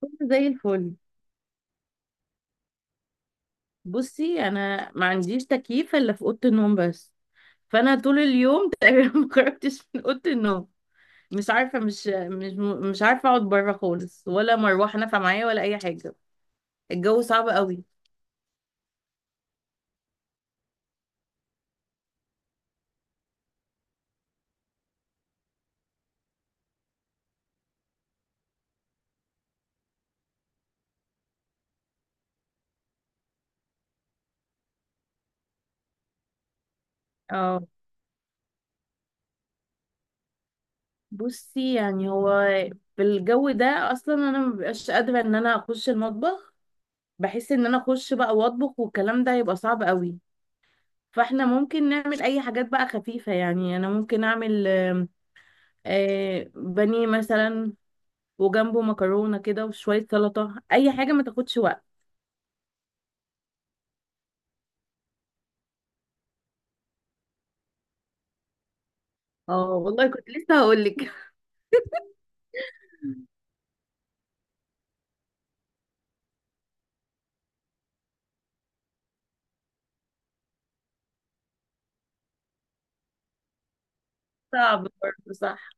كله زي الفل. بصي، انا ما عنديش تكييف الا في اوضه النوم بس، فانا طول اليوم تقريبا ما خرجتش من اوضه النوم. مش عارفه مش مش مش عارفه اقعد بره خالص، ولا مروحه نافعه معايا، ولا اي حاجه. الجو صعب قوي. اه، بصي، يعني هو في الجو ده اصلا انا مبقاش قادره ان انا اخش المطبخ. بحس ان انا اخش بقى واطبخ والكلام ده يبقى صعب قوي، فاحنا ممكن نعمل اي حاجات بقى خفيفه. يعني انا ممكن اعمل بانيه مثلا، وجنبه مكرونه كده، وشويه سلطه، اي حاجه ما تاخدش وقت. اه والله، كنت لسه هقول لك. صعب برضه، صح.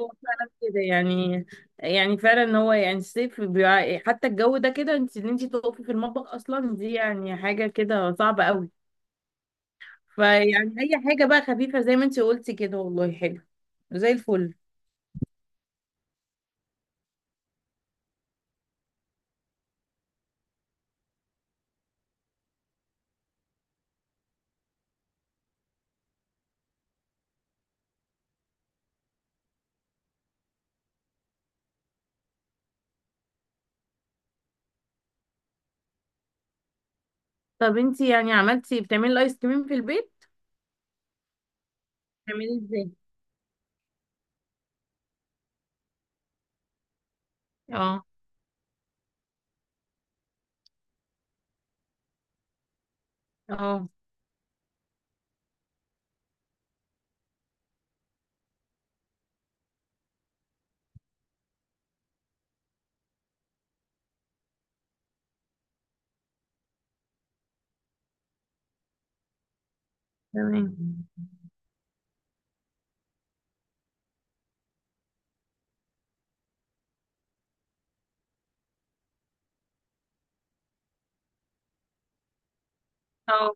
هو فعلا كده يعني فعلا ان هو يعني الصيف حتى الجو ده كده، ان انت تقفي في المطبخ اصلا، دي يعني حاجه كده صعبه قوي. فيعني اي حاجه بقى خفيفه زي ما انت قلتي كده، والله حلو زي الفل. طب انت، يعني بتعملي الايس كريم في البيت؟ بتعملي ازاي؟ اه. اه. تمام. اه.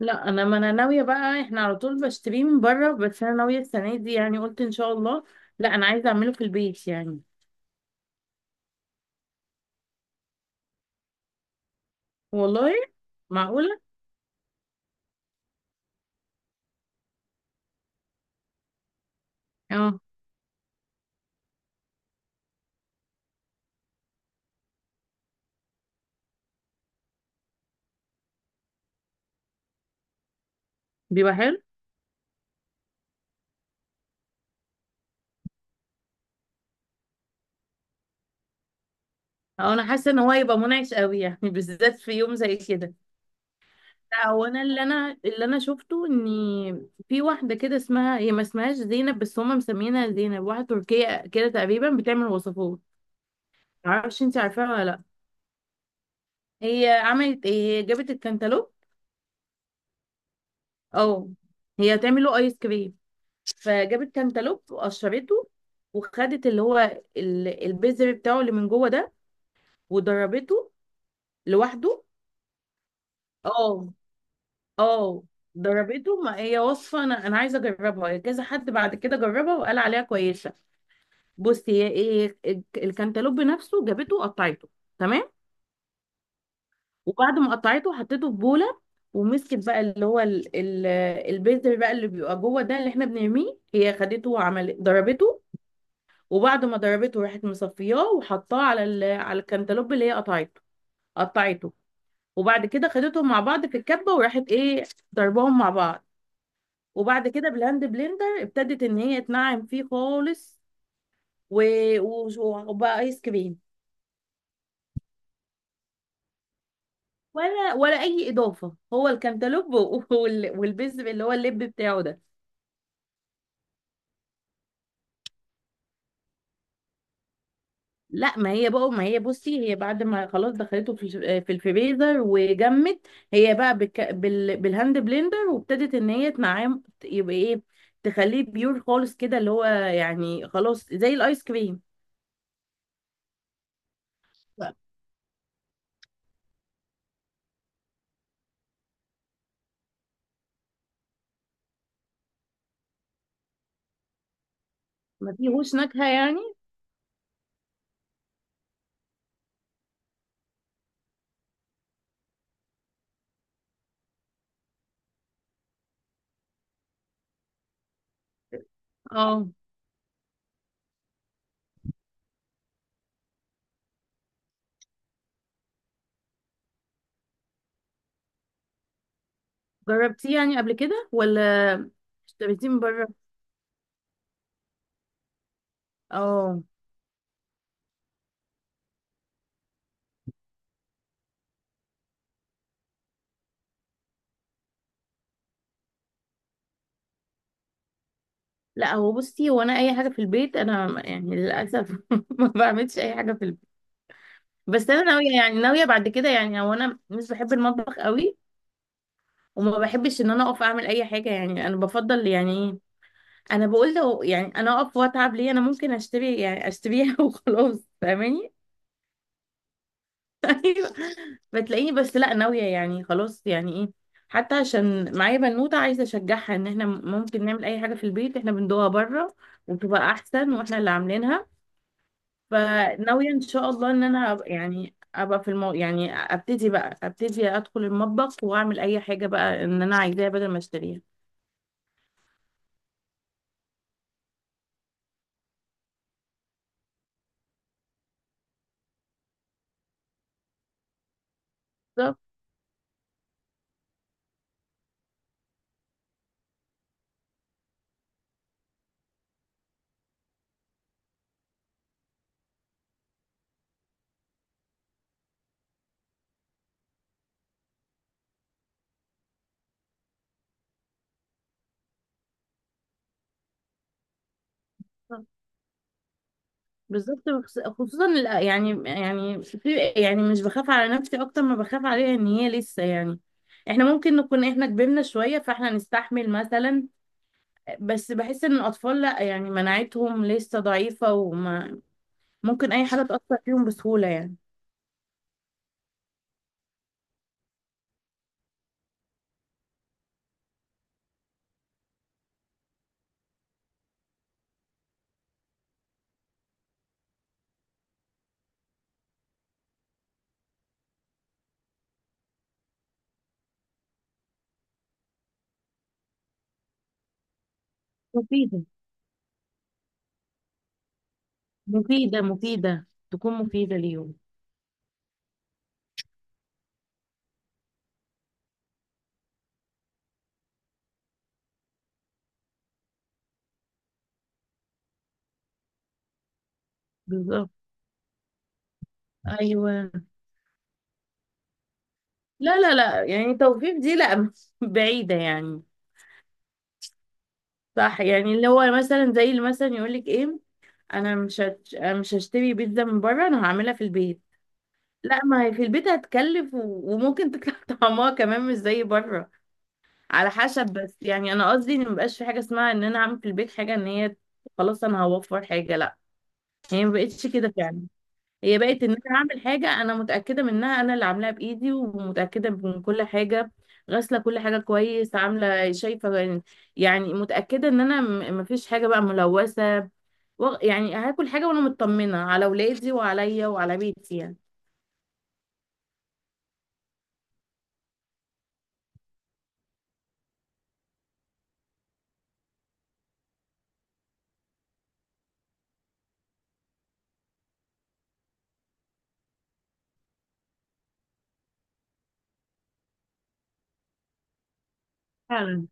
لا، انا ما انا ناويه بقى. احنا على طول بشتريه من بره، بس انا ناويه السنه دي يعني قلت ان شاء الله، لا انا عايزه اعمله في البيت يعني. والله؟ معقوله؟ اه، بيبقى حلو. أو انا حاسه ان هو هيبقى منعش قوي يعني بالذات في يوم زي كده. لا، هو انا اللي انا شفته ان في واحده كده اسمها، هي ما اسمهاش زينب بس هم مسمينها زينب، واحده تركيه كده تقريبا بتعمل وصفات. معرفش، انت عارفاها ولا لا؟ هي عملت ايه، هي جابت الكنتالوب. اه. هي هتعمله ايس كريم، فجابت كانتالوب وقشرته، وخدت اللي هو البذر بتاعه اللي من جوه ده، ودربته لوحده. اه. اه. ضربته. ما هي وصفة، انا عايزة اجربها، كذا حد بعد كده جربها وقال عليها كويسة. بصي هي ايه الكانتالوب نفسه جابته وقطعته. تمام. وبعد ما قطعته حطيته في بولة، ومسكت بقى اللي هو البذر بقى اللي بيبقى جوه ده اللي احنا بنرميه، هي خدته وعملت ضربته. وبعد ما ضربته راحت مصفياه، وحطاه على على الكنتالوب اللي هي قطعته قطعته. وبعد كده خدتهم مع بعض في الكبه وراحت ايه، ضربهم مع بعض. وبعد كده بالهاند بلندر ابتدت ان هي تنعم فيه خالص و... و... وبقى ايس كريم. ولا اي اضافه، هو الكنتالوب والبذر اللي هو اللب بتاعه ده. لا، ما هي بقى ما هي بصي هي بعد ما خلاص دخلته في في الفريزر وجمت، هي بقى بك بال بالهاند بلندر، وابتدت ان هي تنعم، يبقى ايه، تخليه بيور خالص كده اللي هو يعني خلاص زي الايس كريم. لا. ما فيهوش نكهة يعني. اه. جربتيه يعني قبل كده ولا اشتريتيه من بره؟ اه. لا، هو بصي، هو انا اي حاجه في البيت انا يعني للاسف ما بعملش اي حاجه في البيت. بس انا ناويه، يعني ناويه بعد كده. يعني هو انا مش بحب المطبخ قوي، وما بحبش ان انا اقف اعمل اي حاجه، يعني انا بفضل يعني ايه، انا بقول لو يعني انا اقف واتعب ليه، انا ممكن اشتري يعني اشتريها وخلاص، فاهماني؟ ايوه. بتلاقيني، بس لا، ناويه يعني خلاص يعني ايه، حتى عشان معايا بنوته عايزه اشجعها ان احنا ممكن نعمل اي حاجه في البيت احنا بندوها بره، وبتبقى احسن واحنا اللي عاملينها. فناويه ان شاء الله ان انا يعني ابقى في يعني ابتدي ادخل المطبخ واعمل اي حاجه بقى ان انا عايزاها بدل ما اشتريها. بالظبط. بالظبط، خصوصا يعني في، يعني مش بخاف على نفسي اكتر ما بخاف عليها ان هي لسه يعني. احنا ممكن نكون احنا كبرنا شوية فاحنا نستحمل مثلا، بس بحس ان الاطفال لا، يعني مناعتهم لسه ضعيفة، وما ممكن اي حاجة تأثر فيهم بسهولة يعني. مفيدة مفيدة تكون مفيدة ليهم. بالظبط. ايوه. لا، لا، لا، يعني توفيق دي لا بعيدة يعني. صح. يعني اللي هو مثلا زي اللي مثلا يقولك ايه، انا مش هشتري بيتزا من بره، انا هعملها في البيت. لا، ما هي في البيت هتكلف، وممكن تطلع طعمها كمان مش زي بره، على حسب. بس يعني انا قصدي ان مبقاش في حاجه اسمها ان انا اعمل في البيت حاجه ان هي خلاص انا هوفر حاجه، لا. هي ما بقتش كده فعلا، هي بقت ان انا اعمل حاجه انا متاكده منها، انا اللي عاملاها بايدي، ومتاكده من كل حاجه، غاسله كل حاجه كويس، عامله شايفه يعني. يعني متاكده ان انا مفيش حاجه بقى ملوثه، يعني هاكل حاجة وانا مطمنة على ولادي وعليا وعلى بيتي يعني. فعلا.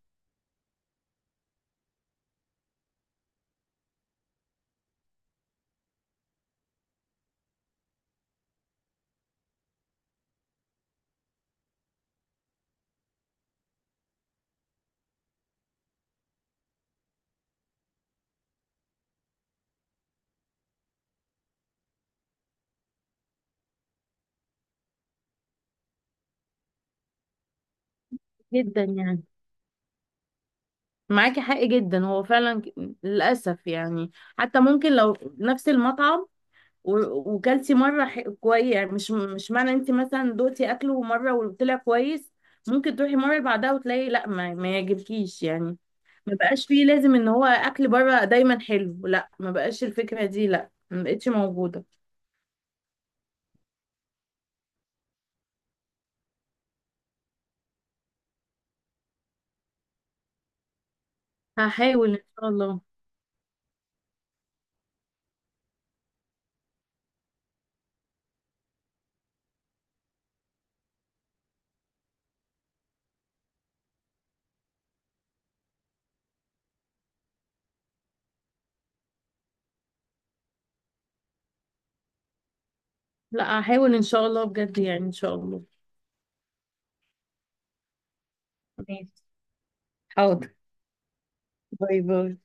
جدا يعني. معاكي حق، جدا. هو فعلا للأسف يعني. حتى ممكن لو نفس المطعم وكلتي مرة كويس، يعني مش معنى انت مثلا دوقتي اكله مرة وطلع كويس ممكن تروحي مرة اللي بعدها وتلاقي لا ما يعجبكيش يعني. ما بقاش فيه لازم ان هو اكل بره دايما حلو، لا ما بقاش الفكرة دي، لا ما بقتش موجودة. هحاول ان شاء الله. لا، هحاول ان شاء الله بجد يعني، ان شاء الله. ماشي. حاضر. باي باي.